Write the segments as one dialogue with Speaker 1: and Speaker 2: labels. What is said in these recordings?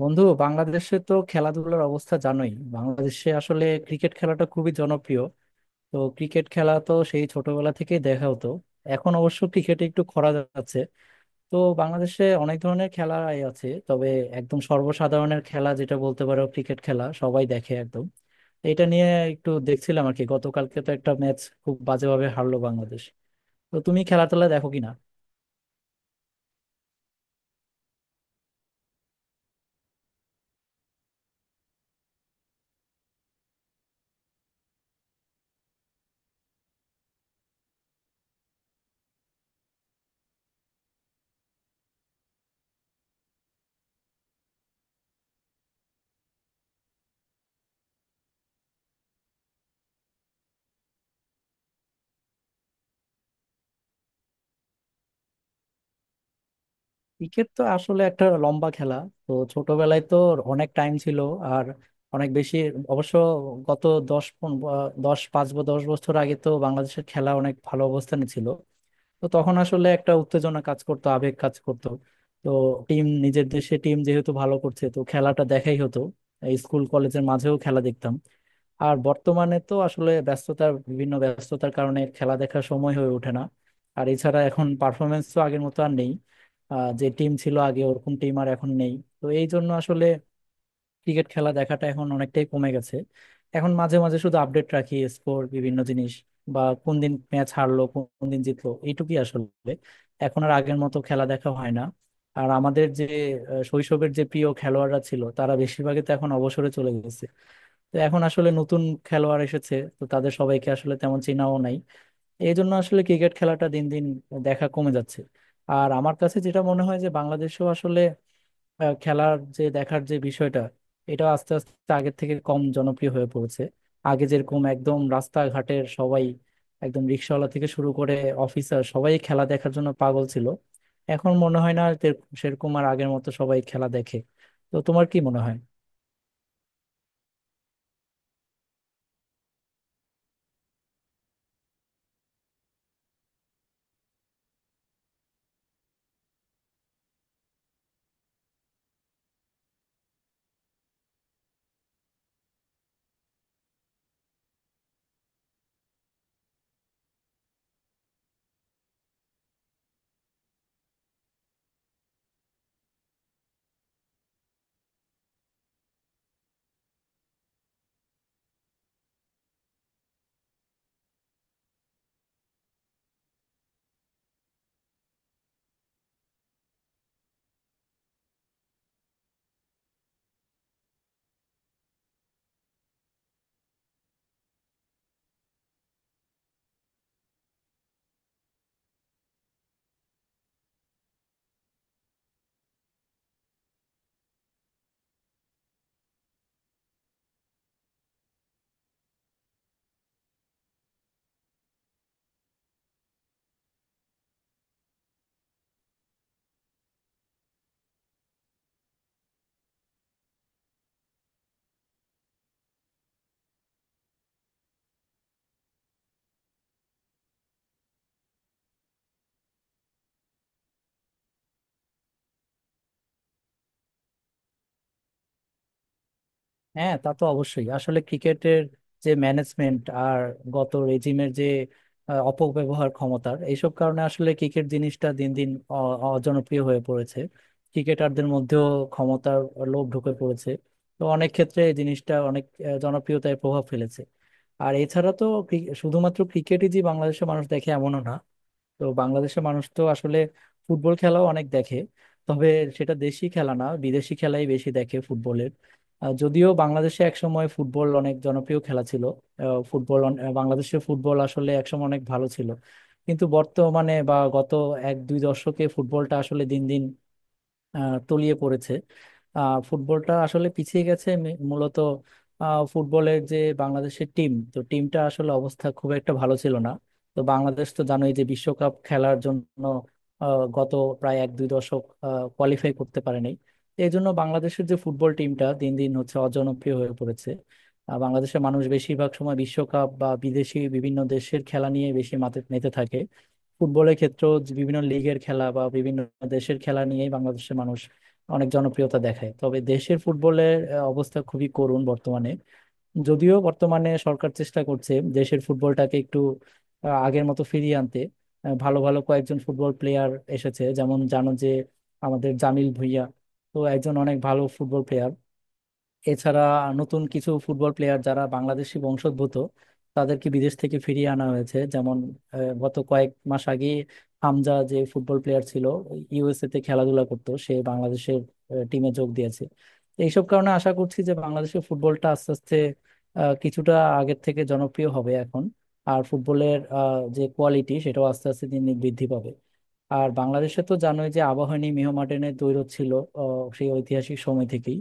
Speaker 1: বন্ধু, বাংলাদেশে তো খেলাধুলার অবস্থা জানোই। বাংলাদেশে আসলে ক্রিকেট খেলাটা খুবই জনপ্রিয়। তো ক্রিকেট খেলা তো সেই ছোটবেলা থেকেই দেখা হতো। এখন অবশ্য ক্রিকেটে একটু খরা যাচ্ছে। তো বাংলাদেশে অনেক ধরনের খেলা আছে, তবে একদম সর্বসাধারণের খেলা যেটা বলতে পারো, ক্রিকেট খেলা সবাই দেখে একদম। তো এটা নিয়ে একটু দেখছিলাম আর কি, গতকালকে তো একটা ম্যাচ খুব বাজেভাবে হারলো বাংলাদেশ। তো তুমি খেলা টেলা দেখো কিনা? ক্রিকেট তো আসলে একটা লম্বা খেলা। তো ছোটবেলায় তো অনেক টাইম ছিল, আর অনেক বেশি অবশ্য। গত দশ পাঁচ বা 10 বছর আগে তো বাংলাদেশের খেলা অনেক ভালো অবস্থানে ছিল। তো তখন আসলে একটা উত্তেজনা কাজ করতো, আবেগ কাজ করতো। তো টিম, নিজের দেশে টিম যেহেতু ভালো করছে, তো খেলাটা দেখাই হতো। এই স্কুল কলেজের মাঝেও খেলা দেখতাম। আর বর্তমানে তো আসলে বিভিন্ন ব্যস্ততার কারণে খেলা দেখার সময় হয়ে ওঠে না। আর এছাড়া এখন পারফরমেন্স তো আগের মতো আর নেই। যে টিম ছিল আগে, ওরকম টিম আর এখন নেই। তো এই জন্য আসলে ক্রিকেট খেলা দেখাটা এখন অনেকটাই কমে গেছে। এখন মাঝে মাঝে শুধু আপডেট রাখি, স্কোর বিভিন্ন জিনিস, বা কোন দিন ম্যাচ হারলো কোন দিন জিতলো, এইটুকুই আসলে। এখন আর আগের মতো খেলা দেখা হয় না। আর আমাদের যে শৈশবের যে প্রিয় খেলোয়াড়রা ছিল, তারা বেশিরভাগই তো এখন অবসরে চলে গেছে। তো এখন আসলে নতুন খেলোয়াড় এসেছে, তো তাদের সবাইকে আসলে তেমন চেনাও নাই। এই জন্য আসলে ক্রিকেট খেলাটা দিন দিন দেখা কমে যাচ্ছে। আর আমার কাছে যেটা মনে হয় যে বাংলাদেশেও আসলে খেলার যে, দেখার যে বিষয়টা, এটা আস্তে আস্তে আগের থেকে কম জনপ্রিয় হয়ে পড়েছে। আগে যেরকম একদম রাস্তাঘাটের সবাই, একদম রিক্সাওয়ালা থেকে শুরু করে অফিসার, সবাই খেলা দেখার জন্য পাগল ছিল। এখন মনে হয় না আর সেরকম আর আগের মতো সবাই খেলা দেখে। তো তোমার কি মনে হয়? হ্যাঁ, তা তো অবশ্যই। আসলে ক্রিকেটের যে ম্যানেজমেন্ট আর গত রেজিমের যে অপব্যবহার ক্ষমতার, এইসব কারণে আসলে ক্রিকেট জিনিসটা দিন দিন অজনপ্রিয় হয়ে পড়েছে। ক্রিকেটারদের মধ্যেও ক্ষমতার লোভ ঢুকে পড়েছে। তো অনেক ক্ষেত্রে এই জিনিসটা অনেক জনপ্রিয়তায় প্রভাব ফেলেছে। আর এছাড়া তো শুধুমাত্র ক্রিকেটই যে বাংলাদেশের মানুষ দেখে, এমনও না। তো বাংলাদেশের মানুষ তো আসলে ফুটবল খেলাও অনেক দেখে, তবে সেটা দেশি খেলা না, বিদেশি খেলাই বেশি দেখে ফুটবলের। যদিও বাংলাদেশে একসময় ফুটবল অনেক জনপ্রিয় খেলা ছিল। আহ, ফুটবল অন- আহ, বাংলাদেশের ফুটবল আসলে একসময় অনেক ভালো ছিল। কিন্তু বর্তমানে বা গত 1-2 দশকে ফুটবলটা আসলে দিন দিন তলিয়ে পড়েছে। ফুটবলটা আসলে পিছিয়ে গেছে মূলত ফুটবলের যে বাংলাদেশের টিম, তো টিমটা আসলে অবস্থা খুব একটা ভালো ছিল না। তো বাংলাদেশ তো জানোই যে বিশ্বকাপ খেলার জন্য গত প্রায় 1-2 দশক কোয়ালিফাই করতে পারেনি। তো এই জন্য বাংলাদেশের যে ফুটবল টিমটা দিন দিন হচ্ছে অজনপ্রিয় হয়ে পড়েছে। বাংলাদেশের মানুষ বেশিরভাগ সময় বিশ্বকাপ বা বিদেশি বিভিন্ন দেশের খেলা নিয়ে বেশি মাতে মেতে থাকে। ফুটবলের ক্ষেত্রেও যে বিভিন্ন লিগের খেলা বা বিভিন্ন দেশের খেলা নিয়েই বাংলাদেশের মানুষ অনেক জনপ্রিয়তা দেখায়, তবে দেশের ফুটবলের অবস্থা খুবই করুণ বর্তমানে। যদিও বর্তমানে সরকার চেষ্টা করছে দেশের ফুটবলটাকে একটু আগের মতো ফিরিয়ে আনতে। ভালো ভালো কয়েকজন ফুটবল প্লেয়ার এসেছে। যেমন জানো যে আমাদের জামিল ভুঁইয়া তো একজন অনেক ভালো ফুটবল প্লেয়ার। এছাড়া নতুন কিছু ফুটবল প্লেয়ার যারা বাংলাদেশি বংশোদ্ভূত, তাদেরকে বিদেশ থেকে ফিরিয়ে আনা হয়েছে। যেমন গত কয়েক মাস আগে হামজা যে ফুটবল প্লেয়ার ছিল, ইউএসএ তে খেলাধুলা করতো, সে বাংলাদেশের টিমে যোগ দিয়েছে। তো এইসব কারণে আশা করছি যে বাংলাদেশের ফুটবলটা আস্তে আস্তে কিছুটা আগের থেকে জনপ্রিয় হবে এখন। আর ফুটবলের যে কোয়ালিটি সেটাও আস্তে আস্তে দিন দিন বৃদ্ধি পাবে। আর বাংলাদেশে তো জানোই যে আবাহনী মোহামেডানের দ্বৈরথ ছিল সেই ঐতিহাসিক সময় থেকেই।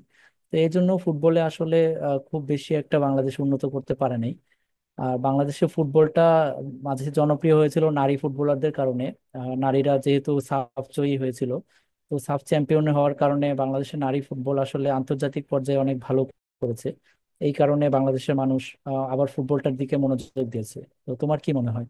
Speaker 1: তো এই জন্য ফুটবলে আসলে খুব বেশি একটা বাংলাদেশ উন্নত করতে পারে নাই। আর বাংলাদেশে ফুটবলটা মাঝে জনপ্রিয় হয়েছিল নারী ফুটবলারদের কারণে। নারীরা যেহেতু সাফ জয়ী হয়েছিল, তো সাফ চ্যাম্পিয়ন হওয়ার কারণে বাংলাদেশের নারী ফুটবল আসলে আন্তর্জাতিক পর্যায়ে অনেক ভালো করেছে। এই কারণে বাংলাদেশের মানুষ আবার ফুটবলটার দিকে মনোযোগ দিয়েছে। তো তোমার কি মনে হয়?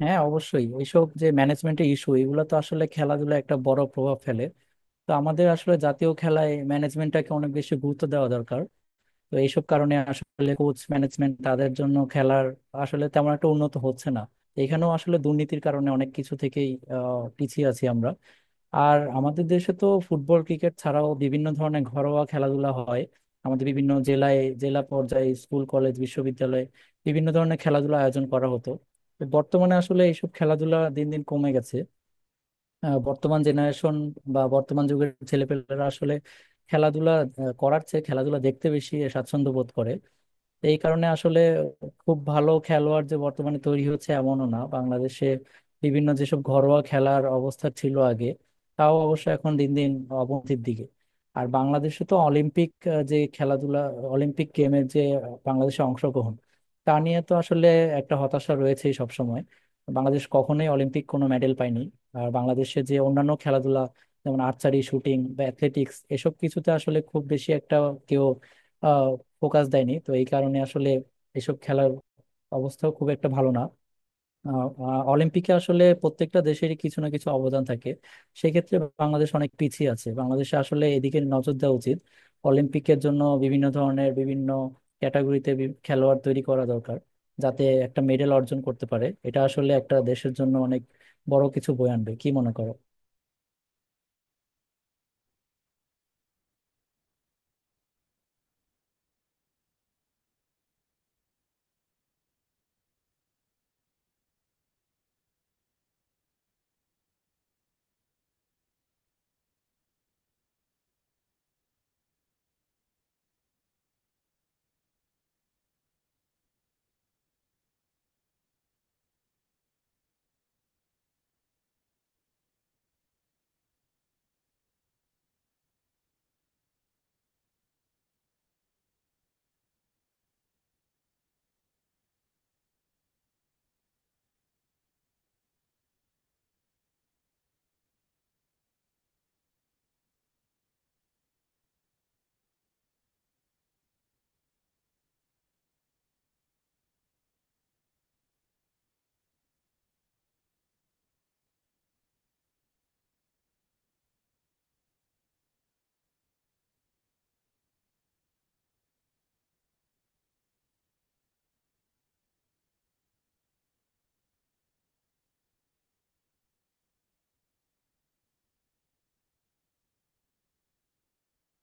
Speaker 1: হ্যাঁ, অবশ্যই। এইসব যে ম্যানেজমেন্টের ইস্যু, এগুলো তো আসলে খেলাধুলা একটা বড় প্রভাব ফেলে। তো আমাদের আসলে জাতীয় খেলায় ম্যানেজমেন্টটাকে অনেক বেশি গুরুত্ব দেওয়া দরকার। তো এইসব কারণে আসলে কোচ ম্যানেজমেন্ট তাদের জন্য খেলার আসলে তেমন একটা উন্নত হচ্ছে না। এখানেও আসলে দুর্নীতির কারণে অনেক কিছু থেকেই পিছিয়ে আছি আমরা। আর আমাদের দেশে তো ফুটবল ক্রিকেট ছাড়াও বিভিন্ন ধরনের ঘরোয়া খেলাধুলা হয়। আমাদের বিভিন্ন জেলায়, জেলা পর্যায়ে স্কুল কলেজ বিশ্ববিদ্যালয়ে বিভিন্ন ধরনের খেলাধুলা আয়োজন করা হতো। তো বর্তমানে আসলে এইসব খেলাধুলা দিন দিন কমে গেছে। বর্তমান জেনারেশন বা বর্তমান যুগের ছেলেপেলেরা আসলে খেলাধুলা করার চেয়ে খেলাধুলা দেখতে বেশি স্বাচ্ছন্দ্য বোধ করে। এই কারণে আসলে খুব ভালো খেলোয়াড় যে বর্তমানে তৈরি হচ্ছে, এমনও না বাংলাদেশে। বিভিন্ন যেসব ঘরোয়া খেলার অবস্থা ছিল আগে, তাও অবশ্য এখন দিন দিন অবনতির দিকে। আর বাংলাদেশে তো অলিম্পিক, যে খেলাধুলা অলিম্পিক গেমের, যে বাংলাদেশে অংশগ্রহণ, তা নিয়ে তো আসলে একটা হতাশা রয়েছেই সব সময়। বাংলাদেশ কখনোই অলিম্পিক কোনো মেডেল পায়নি। আর বাংলাদেশে যে অন্যান্য খেলাধুলা, যেমন আর্চারি, শুটিং বা অ্যাথলেটিক্স, এসব কিছুতে আসলে খুব বেশি একটা কেউ ফোকাস দেয়নি। তো এই কারণে আসলে এসব খেলার অবস্থাও খুব একটা ভালো না। আহ, আহ, অলিম্পিকে আসলে প্রত্যেকটা দেশেরই কিছু না কিছু অবদান থাকে। সেক্ষেত্রে বাংলাদেশ অনেক পিছিয়ে আছে। বাংলাদেশে আসলে এদিকে নজর দেওয়া উচিত। অলিম্পিকের জন্য বিভিন্ন ধরনের, বিভিন্ন ক্যাটাগরিতে খেলোয়াড় তৈরি করা দরকার, যাতে একটা মেডেল অর্জন করতে পারে। এটা আসলে একটা দেশের জন্য অনেক বড় কিছু বয়ে আনবে। কি মনে করো?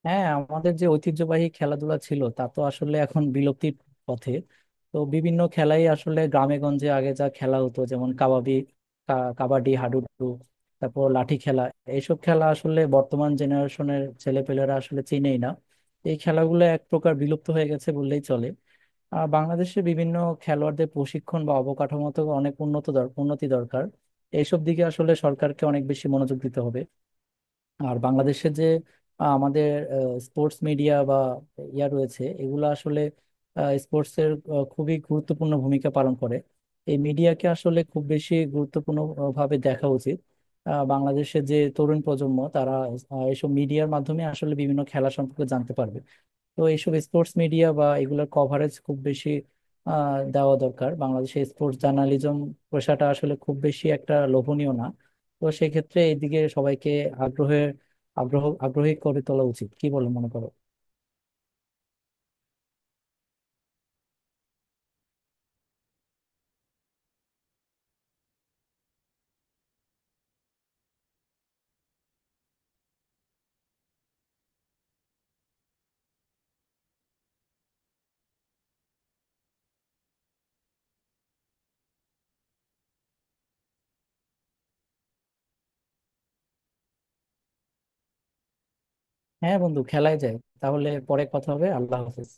Speaker 1: হ্যাঁ, আমাদের যে ঐতিহ্যবাহী খেলাধুলা ছিল, তা তো আসলে এখন বিলুপ্তির পথে। তো বিভিন্ন খেলাই আসলে গ্রামে গঞ্জে আগে যা খেলা হতো, যেমন কাবাডি, কাবাডি, হাডুডু, তারপর লাঠি খেলা, এইসব খেলা আসলে বর্তমান জেনারেশনের ছেলেপেলেরা আসলে চেনেই না। এই খেলাগুলো এক প্রকার বিলুপ্ত হয়ে গেছে বললেই চলে। আর বাংলাদেশে বিভিন্ন খেলোয়াড়দের প্রশিক্ষণ বা অবকাঠামোতে অনেক উন্নত উন্নতি দরকার। এইসব দিকে আসলে সরকারকে অনেক বেশি মনোযোগ দিতে হবে। আর বাংলাদেশে যে আমাদের স্পোর্টস মিডিয়া বা ইয়া রয়েছে, এগুলো আসলে স্পোর্টস এর খুবই গুরুত্বপূর্ণ ভূমিকা পালন করে। এই মিডিয়াকে আসলে খুব বেশি গুরুত্বপূর্ণ ভাবে দেখা উচিত। বাংলাদেশে যে তরুণ প্রজন্ম, তারা এসব মিডিয়ার মাধ্যমে আসলে বিভিন্ন খেলা সম্পর্কে জানতে পারবে। তো এইসব স্পোর্টস মিডিয়া বা এগুলোর কভারেজ খুব বেশি দেওয়া দরকার। বাংলাদেশে স্পোর্টস জার্নালিজম পেশাটা আসলে খুব বেশি একটা লোভনীয় না। তো সেক্ষেত্রে এইদিকে সবাইকে আগ্রহে আগ্রহ আগ্রহী করে তোলা উচিত। কি বলে মনে করো? হ্যাঁ বন্ধু, খেলায় যায়। তাহলে পরে কথা হবে, আল্লাহ হাফেজ।